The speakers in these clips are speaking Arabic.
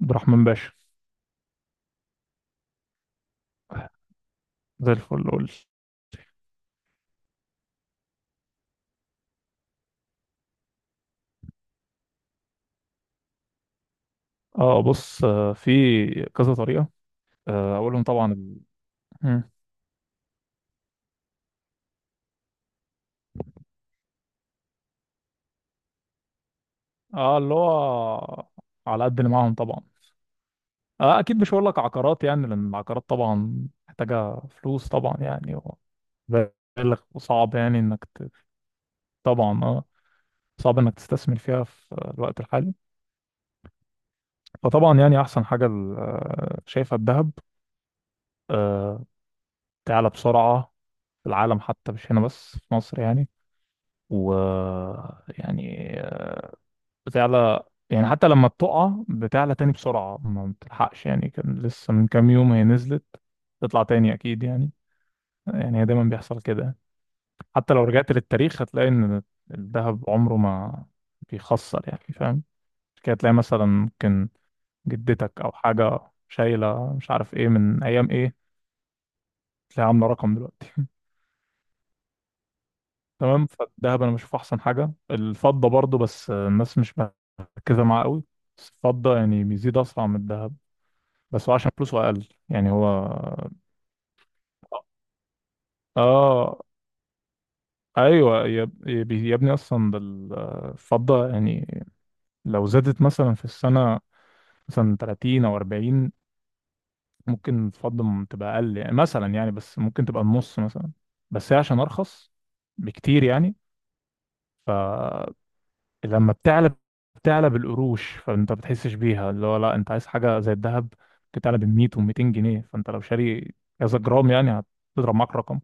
عبد الرحمن باشا. زي الفل، قول. اه، بص، في كذا طريقة. أولهم طبعا مم. اه، اللي هو على قد اللي معاهم طبعا. أكيد مش هقول لك عقارات، يعني لأن العقارات طبعا محتاجة فلوس طبعا يعني بالغ، وصعب يعني إنك طبعا. اه، صعب إنك تستثمر فيها في الوقت الحالي. فطبعا يعني أحسن حاجة شايفها الذهب. آه، تعلى بسرعة في العالم، حتى مش هنا بس في مصر يعني، و يعني بتعلى. يعني حتى لما بتقع بتعلى تاني بسرعة، ما بتلحقش يعني. كان لسه من كام يوم هي نزلت، تطلع تاني أكيد يعني. يعني هي دايما بيحصل كده. حتى لو رجعت للتاريخ هتلاقي إن الذهب عمره ما بيخسر يعني، فاهم؟ كده تلاقي مثلا ممكن جدتك أو حاجة شايلة، مش عارف إيه من أيام إيه، تلاقيها عاملة رقم دلوقتي. تمام. فالذهب انا بشوفه احسن حاجه، الفضه برضو، بس الناس مش مركزه معاه قوي. بس الفضه يعني بيزيد اسرع من الذهب، بس هو عشان فلوسه اقل يعني هو. اه، ايوه يا ابني، اصلا ده الفضه يعني، لو زادت مثلا في السنه مثلا 30 او 40، ممكن الفضه تبقى اقل يعني، مثلا يعني، بس ممكن تبقى النص مثلا. بس هي عشان ارخص بكتير يعني. لما بتعلى بتعلى بالقروش، فانت بتحسش بيها. اللي هو لا، انت عايز حاجه زي الذهب بتعلى ب 100 و200 جنيه، فانت لو شاري كذا جرام يعني هتضرب معاك رقم.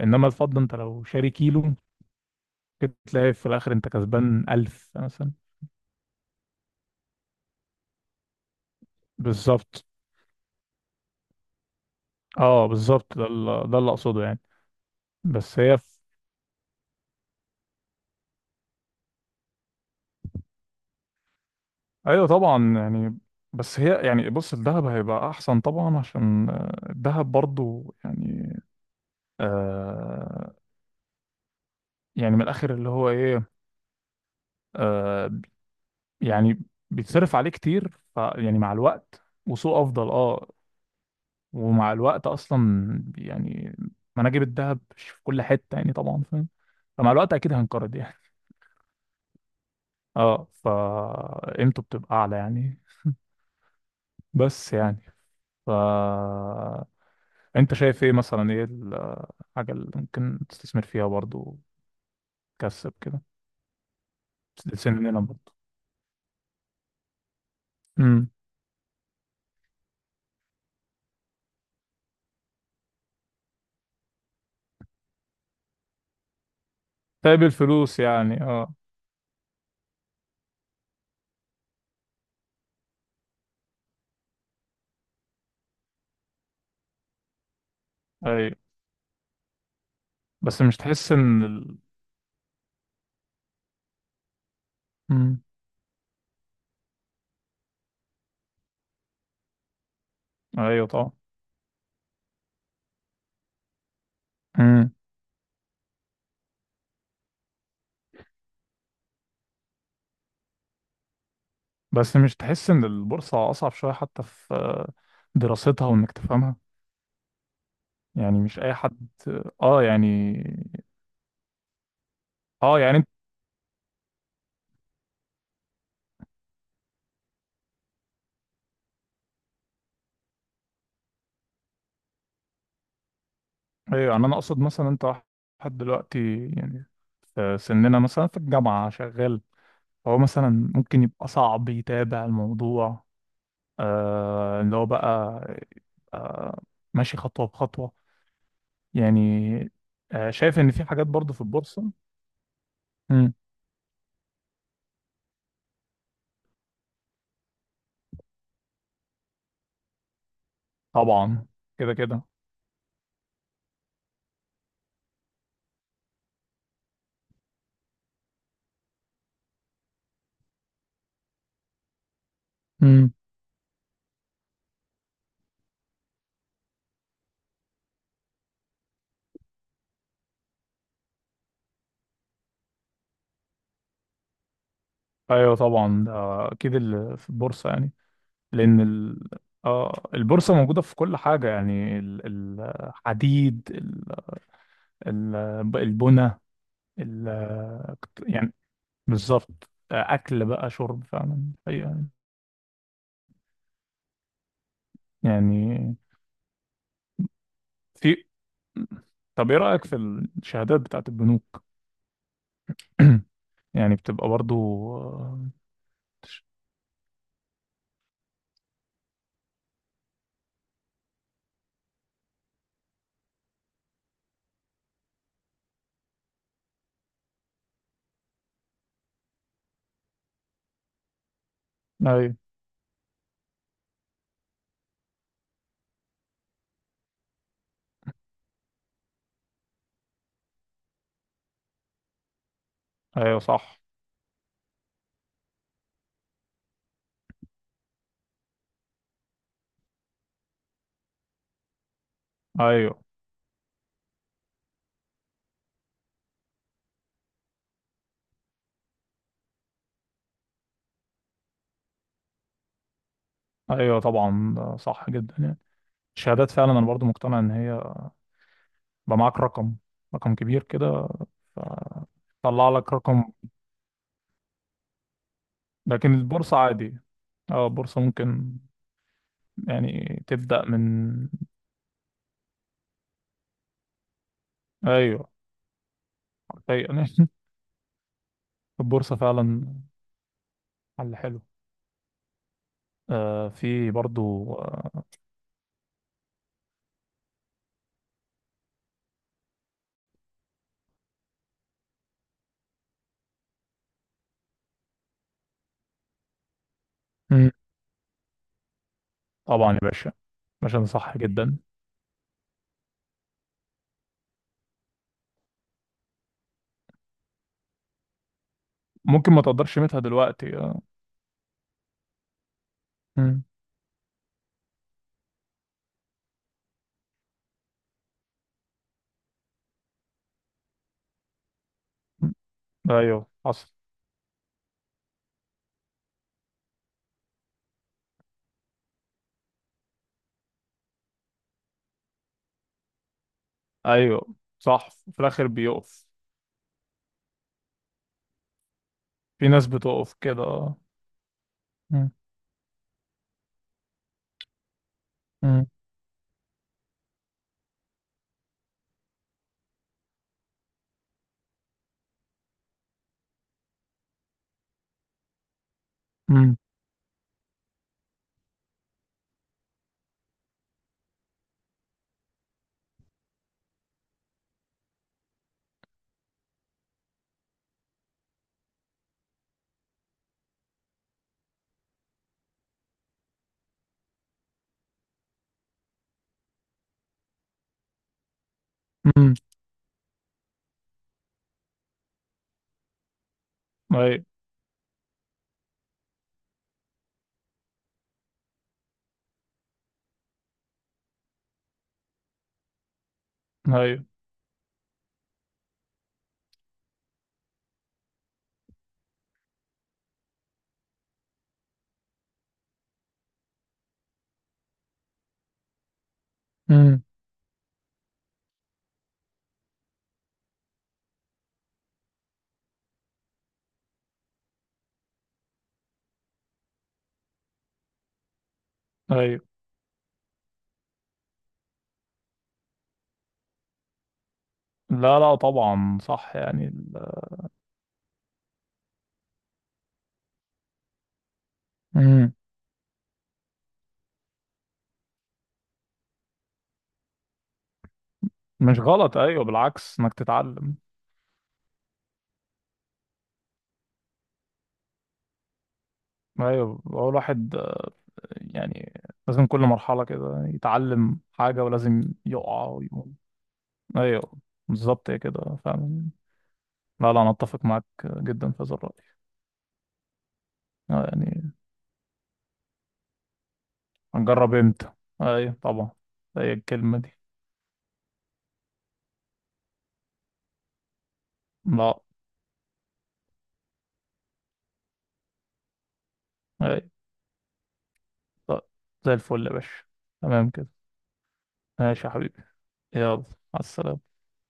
انما الفضه انت لو شاري كيلو كده، تلاقي في الاخر انت كسبان 1000 مثلا. بالظبط. اه، بالظبط، ده اللي اقصده يعني. بس هي في... ايوه طبعا يعني. بس هي يعني، بص، الذهب هيبقى احسن طبعا، عشان الذهب برضو يعني. آه يعني من الاخر اللي هو ايه. آه، يعني بيتصرف عليه كتير، ف يعني مع الوقت، وسوق افضل. اه، ومع الوقت اصلا يعني مناجم الذهب مش في كل حته يعني، طبعا فاهم. فمع الوقت اكيد هنقرض يعني. اه، فقيمته بتبقى اعلى يعني. بس يعني، ف انت شايف ايه مثلا، ايه الحاجه اللي ممكن تستثمر فيها برضو تكسب كده، سننا برضو؟ امم طيب، الفلوس يعني، اه، ايوه. بس مش تحس ان مم. ايوه طبعا. مم. بس مش تحس ان البورصة اصعب شوية، حتى في دراستها وانك تفهمها يعني، مش اي حد؟ اه يعني، اه يعني انت، ايوه، يعني انا اقصد مثلا انت واحد دلوقتي يعني، في سننا مثلا في الجامعة شغال، هو مثلا ممكن يبقى صعب يتابع الموضوع. آه اللي هو بقى آه ماشي، خطوة بخطوة يعني. شايف ان في حاجات برضو في البورصة. مم. طبعا، كده كده. ايوه طبعا ده، اكيد اللي في البورصه يعني. لان آه، البورصه موجوده في كل حاجه يعني، الحديد، ال- البنى، ال... يعني، بالظبط، اكل بقى، شرب فعلا. أيوة. يعني في، طب ايه رايك في الشهادات بتاعت البنوك؟ يعني بتبقى برضو آه، ايوه. ايوه صح. ايوه. ايوه طبعا، ده صح جدا يعني، الشهادات فعلا انا برضو مقتنع ان هي بقى معاك رقم، رقم كبير كده، طلع لك رقم. لكن البورصة عادي. اه، البورصة ممكن يعني تبدأ من ايوه، حرفيا. البورصة فعلا حل حلو. في برضو مم. طبعا يا باشا، يا باشا، ده صح جدا. ممكن ما تقدرش قيمتها دلوقتي آه. مم. ايوه حصل. ايوه صح، في الاخر بيقف. في ناس بتقف كده آه. مم. مم. مم. مم. ايوه. ايوه. مم. ايوه. لا لا، طبعا صح يعني مم. مش غلط، ايوه بالعكس، انك تتعلم. ايوه، هو الواحد يعني لازم كل مرحله كده يتعلم حاجه، ولازم يقع ويقوم. ايوه. بالظبط، هي كده فعلا. لا لا، انا اتفق معاك جدا في هذا الراي. يعني هنجرب امتى؟ ايوه طبعا. هي الكلمه دي. لا. ايوه. طيب، زي الفل يا باشا. تمام كده. ماشي يا حبيبي. يلا، على السلامه.